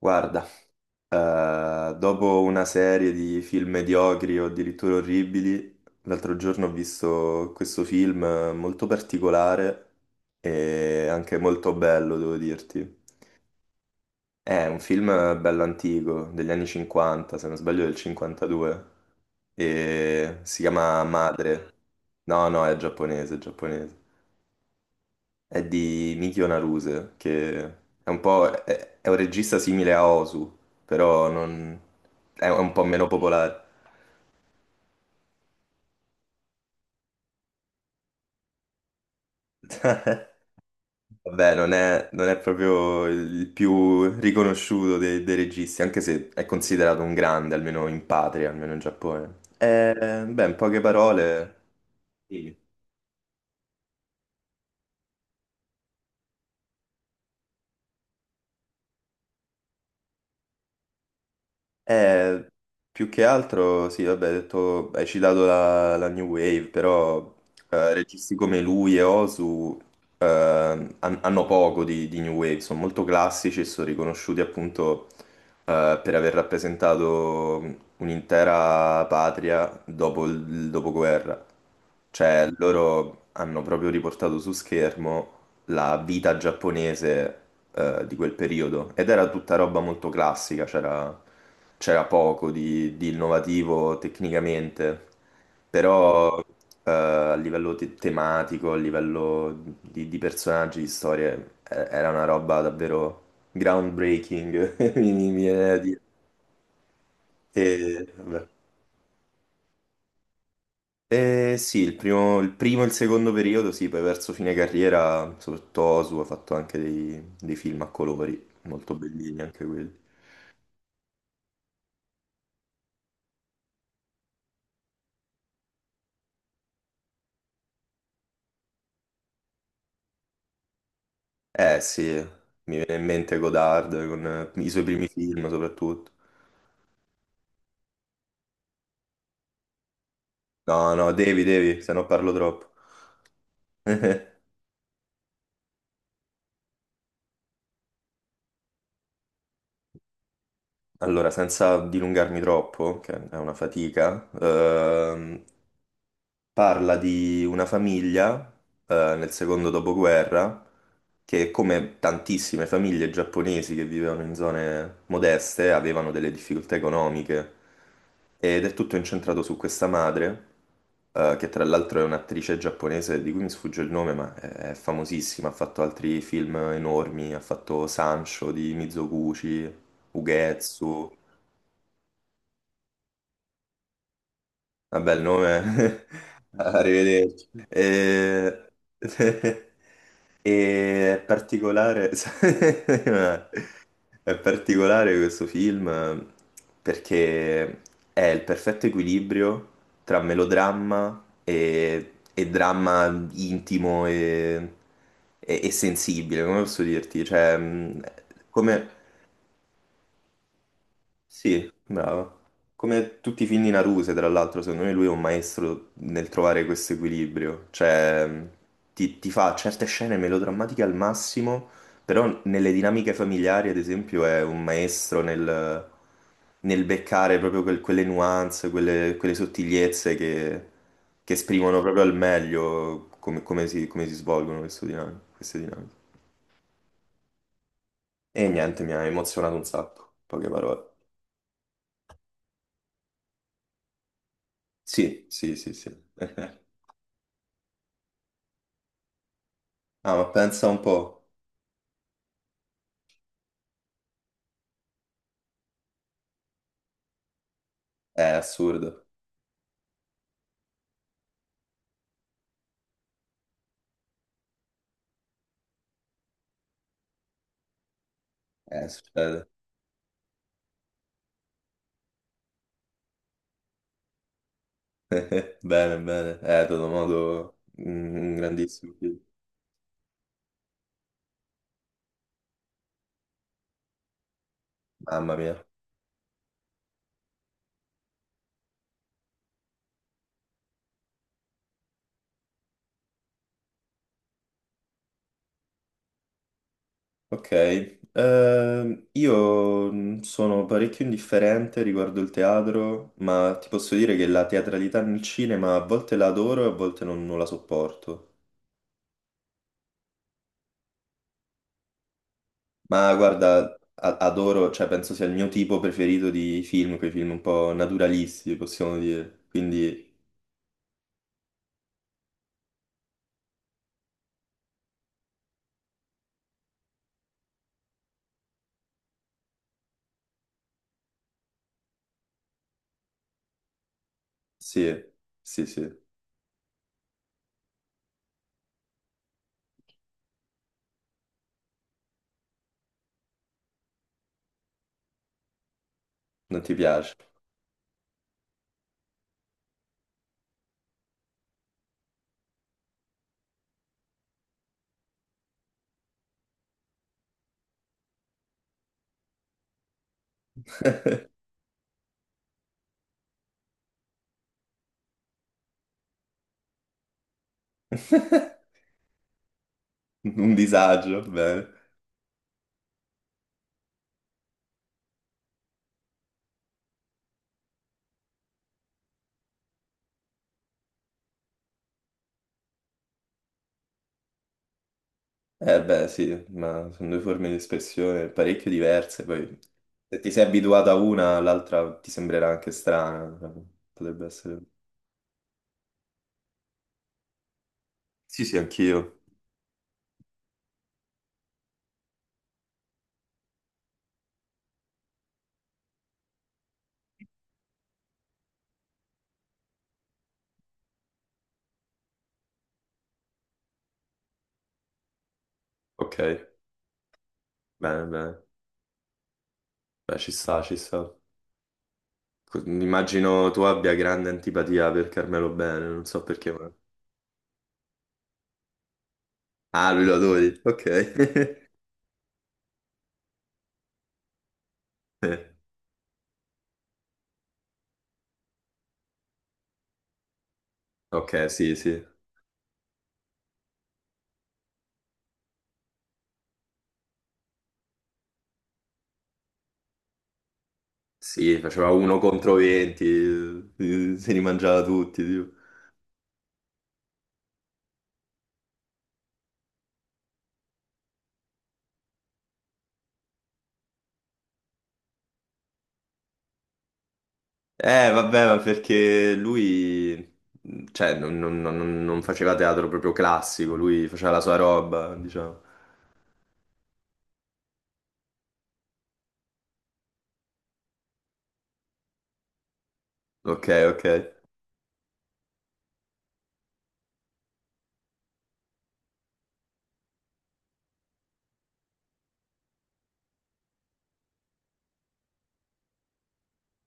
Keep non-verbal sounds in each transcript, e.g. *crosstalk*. Guarda, dopo una serie di film mediocri o addirittura orribili, l'altro giorno ho visto questo film molto particolare e anche molto bello, devo dirti. È un film bello antico, degli anni 50, se non sbaglio del 52, e si chiama Madre. No, no, è giapponese, è giapponese. È di Mikio Naruse, che è un po'... è un regista simile a Osu, però non... è un po' meno popolare. *laughs* Vabbè, non è proprio il più riconosciuto dei registi, anche se è considerato un grande, almeno in patria, almeno in Giappone. Beh, in poche parole... Sì. Eh, Più che altro, sì, vabbè, hai citato la New Wave, però registi come lui e Osu eh, hanno poco di New Wave, sono molto classici e sono riconosciuti appunto per aver rappresentato un'intera patria dopo il dopoguerra. Cioè, loro hanno proprio riportato su schermo la vita giapponese di quel periodo ed era tutta roba molto classica, c'era poco di innovativo tecnicamente, però a livello tematico, a livello di personaggi, di storie, era una roba davvero groundbreaking, *laughs* mi viene da dire. E, vabbè. Sì, il primo e il secondo periodo, sì, poi verso fine carriera, soprattutto Osu ha fatto anche dei film a colori, molto bellini anche quelli. Eh sì, mi viene in mente Godard con i suoi primi film soprattutto. No, no, devi, se no parlo troppo. *laughs* Allora, senza dilungarmi troppo, che è una fatica, parla di una famiglia, nel secondo dopoguerra, che come tantissime famiglie giapponesi che vivevano in zone modeste, avevano delle difficoltà economiche. Ed è tutto incentrato su questa madre, che tra l'altro è un'attrice giapponese di cui mi sfugge il nome, ma è famosissima, ha fatto altri film enormi, ha fatto Sancho di Mizoguchi, Ugetsu. Vabbè, il nome... *laughs* Arrivederci. *laughs* E... È particolare... *laughs* È particolare questo film perché è il perfetto equilibrio tra melodramma e dramma intimo e... e sensibile, come posso dirti? Cioè, come... Sì, bravo. Come tutti i film di Naruse, tra l'altro, secondo me lui è un maestro nel trovare questo equilibrio. Cioè, ti fa certe scene melodrammatiche al massimo, però nelle dinamiche familiari, ad esempio, è un maestro nel beccare proprio quelle nuance, quelle sottigliezze che esprimono proprio al meglio come, come si svolgono queste dinamiche. E niente, mi ha emozionato un sacco, poche parole. Sì. *laughs* Ah, ma pensa un po'. È assurdo. Succede. *laughs* Bene, bene. Toto Modo, un grandissimo film. Mamma mia. Ok. Io sono parecchio indifferente riguardo il teatro, ma ti posso dire che la teatralità nel cinema a volte la adoro e a volte non la sopporto. Ma guarda, adoro, cioè penso sia il mio tipo preferito di film, quei film un po' naturalisti, possiamo dire. Quindi sì, sì. Non ti piace? *laughs* Un disagio, bene. Eh beh, sì, ma sono due forme di espressione parecchio diverse, poi se ti sei abituato a una, l'altra ti sembrerà anche strana. Potrebbe essere... sì, anch'io. Ok, bene, bene. Beh, ci sta, ci sta. Immagino tu abbia grande antipatia per Carmelo Bene, non so perché, ma... Ah, lui lo adori, ok. *laughs* Eh, ok, sì, sì. Sì, faceva uno contro 20, se li mangiava tutti, tipo. Vabbè, ma perché lui, cioè, non faceva teatro proprio classico, lui faceva la sua roba, diciamo. Ok, ok.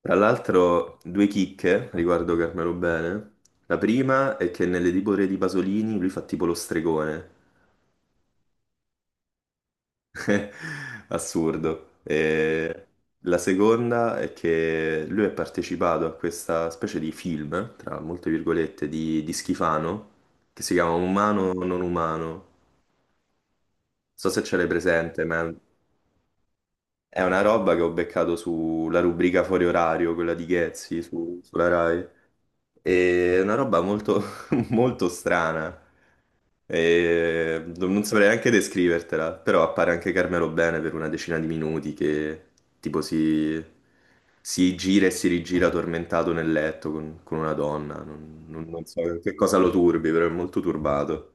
Tra l'altro, due chicche riguardo Carmelo Bene. La prima è che nelle Dibore di Pasolini lui fa tipo lo stregone. *laughs* Assurdo. E la seconda è che lui è partecipato a questa specie di film, tra molte virgolette, di Schifano, che si chiama Umano o non umano. So se ce l'hai presente, ma è una roba che ho beccato sulla rubrica fuori orario, quella di Ghezzi sulla Rai. È una roba molto, *laughs* molto strana. E non saprei neanche descrivertela, però appare anche Carmelo Bene per una decina di minuti che tipo si gira e si rigira tormentato nel letto con una donna. Non so che cosa lo turbi, però è molto turbato.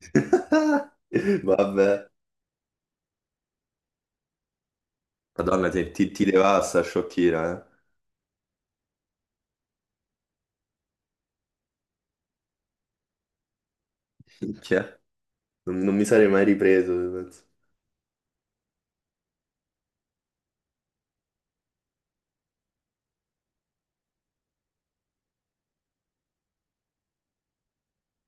*laughs* Vabbè. Madonna, ti devasta, sciocchina, eh? Minchia, non mi sarei mai ripreso, penso.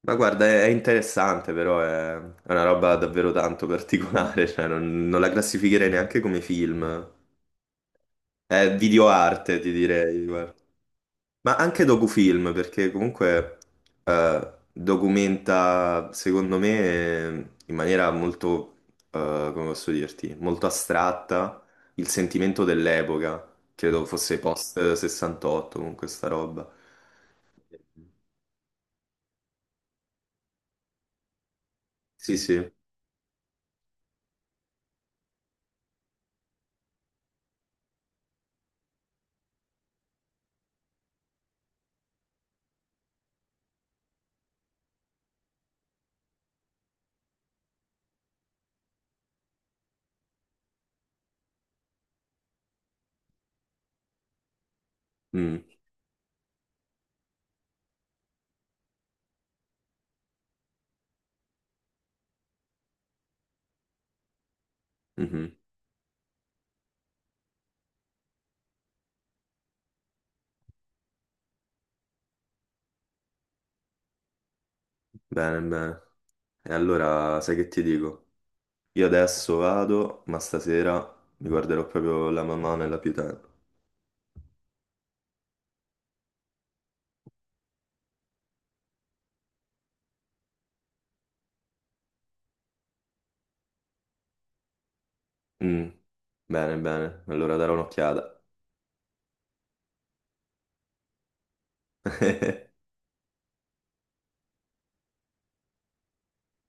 Ma guarda, è interessante, però è una roba davvero tanto particolare, *laughs* cioè non la classificherei neanche come film. È videoarte, ti direi, guarda. Ma anche docufilm, perché comunque documenta, secondo me, in maniera molto, come posso dirti, molto astratta il sentimento dell'epoca. Credo fosse post 68, comunque sta roba. Sì, sì. Mm, mhm. Bene, bene. E allora sai che ti dico? Io adesso vado, ma stasera mi guarderò proprio la mamma nella pietà. Mm, bene, bene. Allora darò un'occhiata. *laughs*